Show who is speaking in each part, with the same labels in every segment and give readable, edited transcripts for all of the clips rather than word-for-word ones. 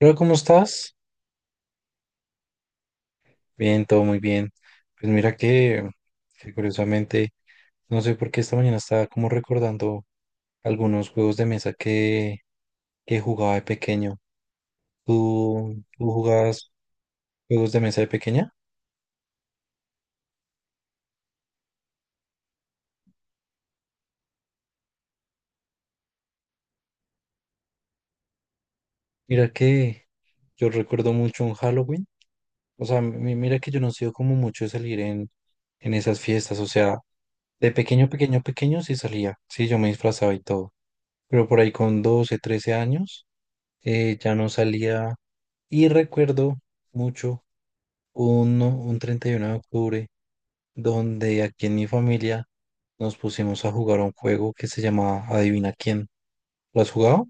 Speaker 1: Hola, ¿cómo estás? Bien, todo muy bien. Pues mira que curiosamente, no sé por qué esta mañana estaba como recordando algunos juegos de mesa que jugaba de pequeño. ¿Tú jugabas juegos de mesa de pequeña? Mira que yo recuerdo mucho un Halloween. O sea, mira que yo no he sido como mucho de salir en esas fiestas. O sea, de pequeño, pequeño, pequeño sí salía. Sí, yo me disfrazaba y todo. Pero por ahí con 12, 13 años ya no salía. Y recuerdo mucho un 31 de octubre donde aquí en mi familia nos pusimos a jugar un juego que se llamaba Adivina quién. ¿Lo has jugado?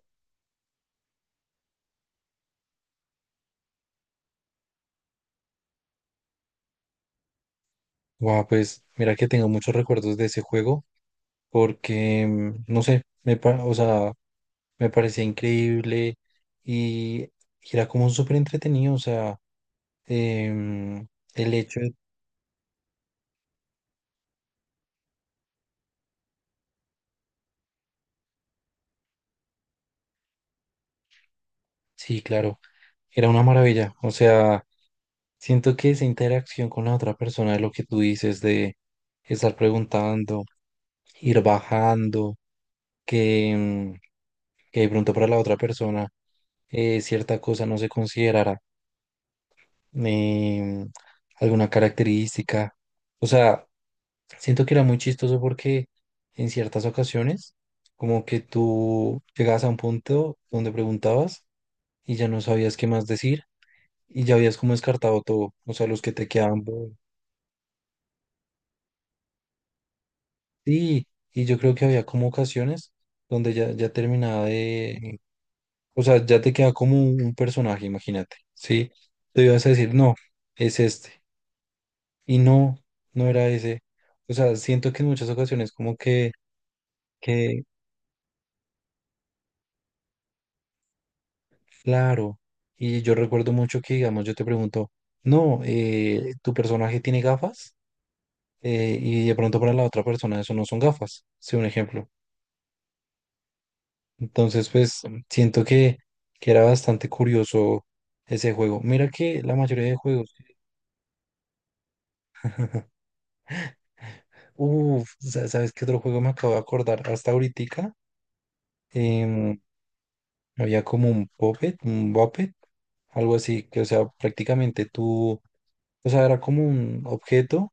Speaker 1: Guau, pues mira que tengo muchos recuerdos de ese juego porque, no sé, o sea, me parecía increíble y era como súper entretenido, o sea, em, el hecho de. Sí, claro, era una maravilla. O sea, siento que esa interacción con la otra persona, lo que tú dices de estar preguntando, ir bajando, que, mm, que de pronto para la otra persona cierta cosa no se considerara em, alguna característica. O sea, siento que era muy chistoso porque en ciertas ocasiones, como que tú llegabas a un punto donde preguntabas y ya no sabías qué más decir y ya habías como descartado todo, o sea, los que te quedaban. Sí, y yo creo que había como ocasiones donde ya terminaba de, o sea, ya te queda como un personaje, imagínate, ¿sí? Te ibas a decir, no, es este, y no, no era ese. O sea, siento que en muchas ocasiones como que, claro, y yo recuerdo mucho que, digamos, yo te pregunto, no, tu personaje tiene gafas. Y de pronto para la otra persona eso no son gafas, sí, un ejemplo. Entonces, pues siento que era bastante curioso ese juego. Mira que la mayoría de juegos. Uff, ¿sabes qué otro juego me acabo de acordar? Hasta ahorita. Em, había como un Puppet, un Buppet, algo así, que o sea, prácticamente tú, o sea, era como un objeto.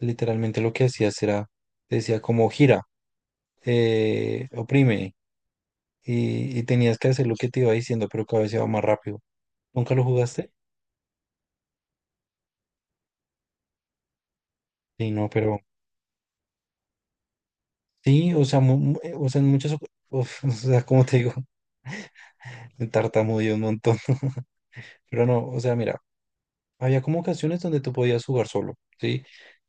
Speaker 1: Literalmente lo que hacías era, decía como gira, oprime, y tenías que hacer lo que te iba diciendo, pero cada vez iba más rápido. ¿Nunca lo jugaste? Sí, no, pero. Sí, o sea, o sea, en muchas, uf, o sea, como te digo, me tartamudeé un montón, pero no, o sea, mira, había como ocasiones donde tú podías jugar solo, ¿sí?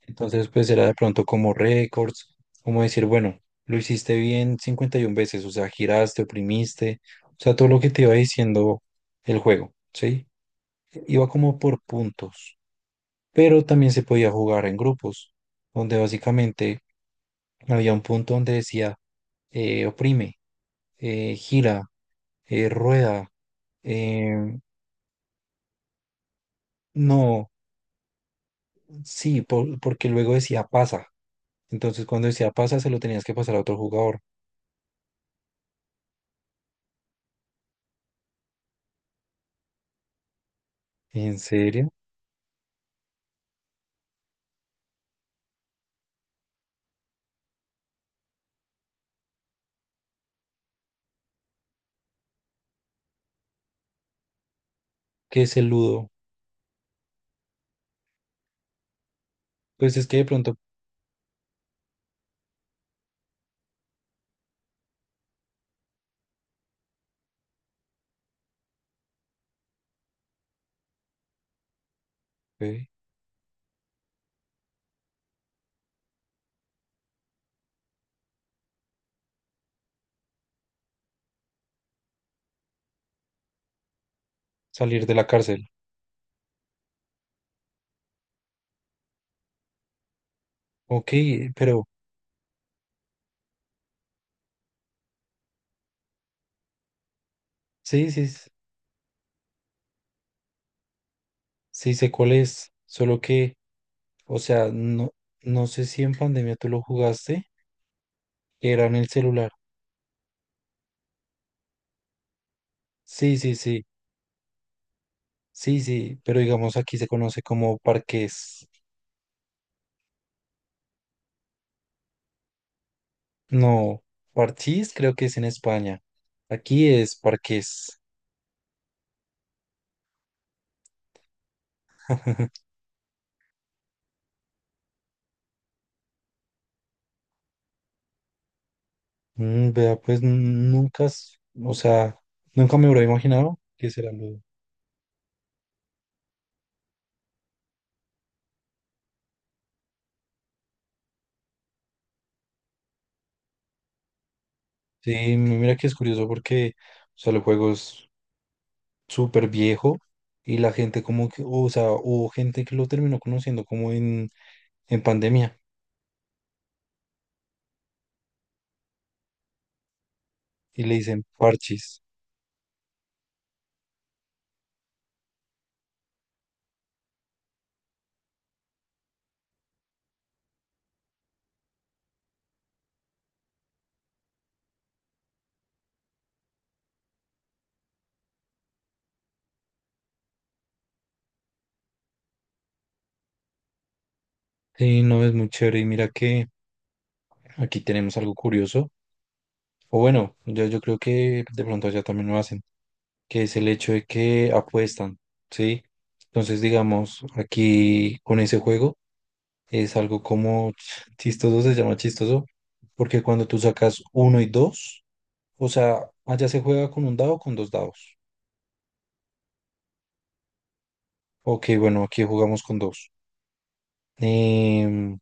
Speaker 1: Entonces, pues era de pronto como récords, como decir, bueno, lo hiciste bien 51 veces, o sea, giraste, oprimiste, o sea, todo lo que te iba diciendo el juego, ¿sí? Iba como por puntos, pero también se podía jugar en grupos, donde básicamente había un punto donde decía, oprime, gira, rueda, eh, no, sí, porque luego decía pasa. Entonces cuando decía pasa se lo tenías que pasar a otro jugador. ¿En serio? ¿Qué es el ludo? Pues es que de pronto puede salir de la cárcel. Ok, pero sí, sí, sí sé cuál es. Solo que, o sea, no, no sé si en pandemia tú lo jugaste, que era en el celular. Sí, sí, sí, sí, sí, pero digamos aquí se conoce como parques. No, Parchís creo que es en España. Aquí es Parqués. Vea, pues nunca, o sea, nunca me hubiera imaginado que será lo. Sí, mira que es curioso porque, o sea, el juego es súper viejo y la gente como que, o sea, hubo gente que lo terminó conociendo como en pandemia y le dicen parchis. Sí, no, es muy chévere y mira que aquí tenemos algo curioso. O bueno, yo creo que de pronto allá también lo hacen, que es el hecho de que apuestan, ¿sí? Entonces, digamos, aquí con ese juego es algo como chistoso, se llama chistoso, porque cuando tú sacas uno y dos, o sea, allá se juega con un dado o con dos dados. Ok, bueno, aquí jugamos con dos. Em,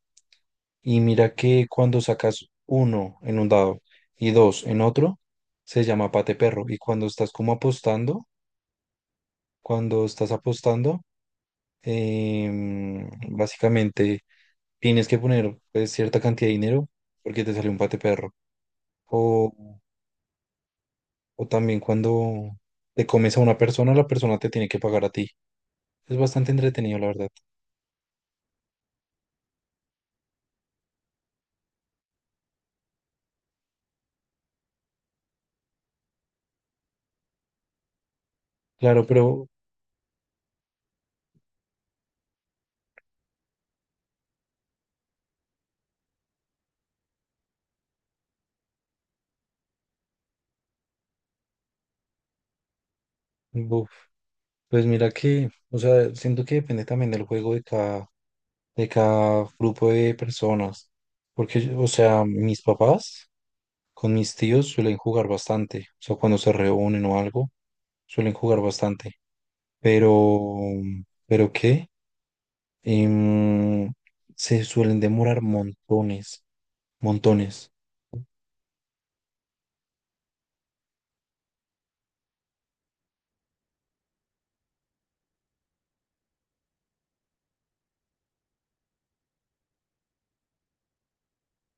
Speaker 1: y mira que cuando sacas uno en un dado y dos en otro, se llama pate perro. Y cuando estás como apostando, cuando estás apostando, em, básicamente tienes que poner pues, cierta cantidad de dinero porque te sale un pate perro. O, o también cuando te comes a una persona, la persona te tiene que pagar a ti. Es bastante entretenido, la verdad. Claro, pero buf, pues mira que, o sea, siento que depende también del juego de cada grupo de personas. Porque, o sea, mis papás con mis tíos suelen jugar bastante. O sea, cuando se reúnen o algo, suelen jugar bastante. Pero, ¿Pero qué? Em, se suelen demorar montones, montones.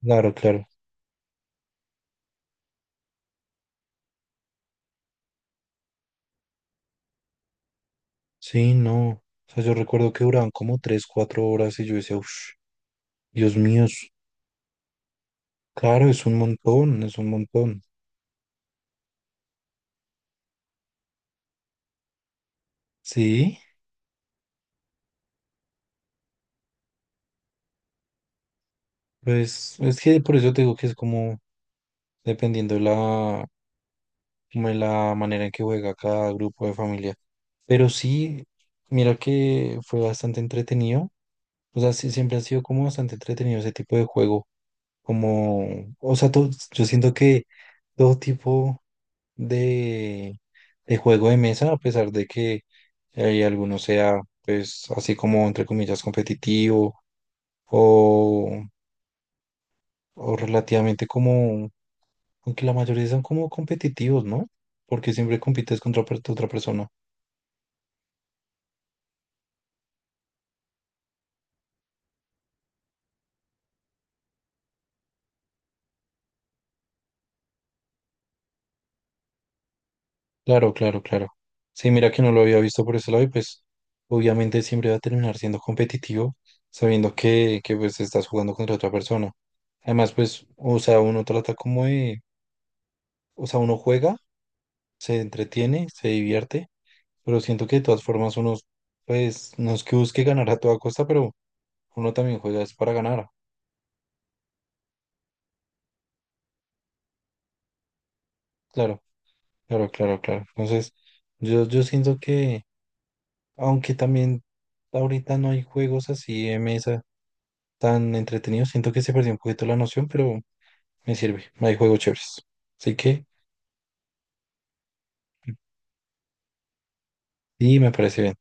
Speaker 1: Claro, claro. Sí, no. O sea, yo recuerdo que duraban como 3, 4 horas y yo decía, uff, Dios mío, claro, es un montón, es un montón. Sí, pues es que por eso te digo que es como dependiendo de la, como de la manera en que juega cada grupo de familia. Pero sí, mira que fue bastante entretenido. O sea, sí, siempre ha sido como bastante entretenido ese tipo de juego, como, o sea, yo siento que todo tipo de, de juego de mesa, a pesar de que alguno sea, pues, así como, entre comillas, competitivo o, o, relativamente como, aunque la mayoría son como competitivos, ¿no? Porque siempre compites contra otra persona. Claro, claro, claro. Sí, mira que no lo había visto por ese lado y pues obviamente siempre va a terminar siendo competitivo sabiendo que pues estás jugando contra otra persona. Además, pues, o sea, uno trata como de, o sea, uno juega, se entretiene, se divierte, pero siento que de todas formas uno, pues, no es que busque ganar a toda costa, pero uno también juega es para ganar. Claro, claro, claro, claro. Entonces, yo siento que, aunque también ahorita no hay juegos así de mesa tan entretenido. Siento que se perdió un poquito la noción, pero me sirve. Hay juegos chéveres. Así que, sí, me parece bien.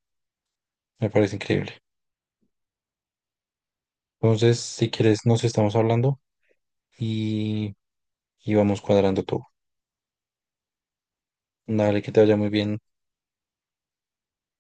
Speaker 1: Me parece increíble. Entonces, si quieres, nos estamos hablando y, y vamos cuadrando todo. Dale, que te vaya muy bien.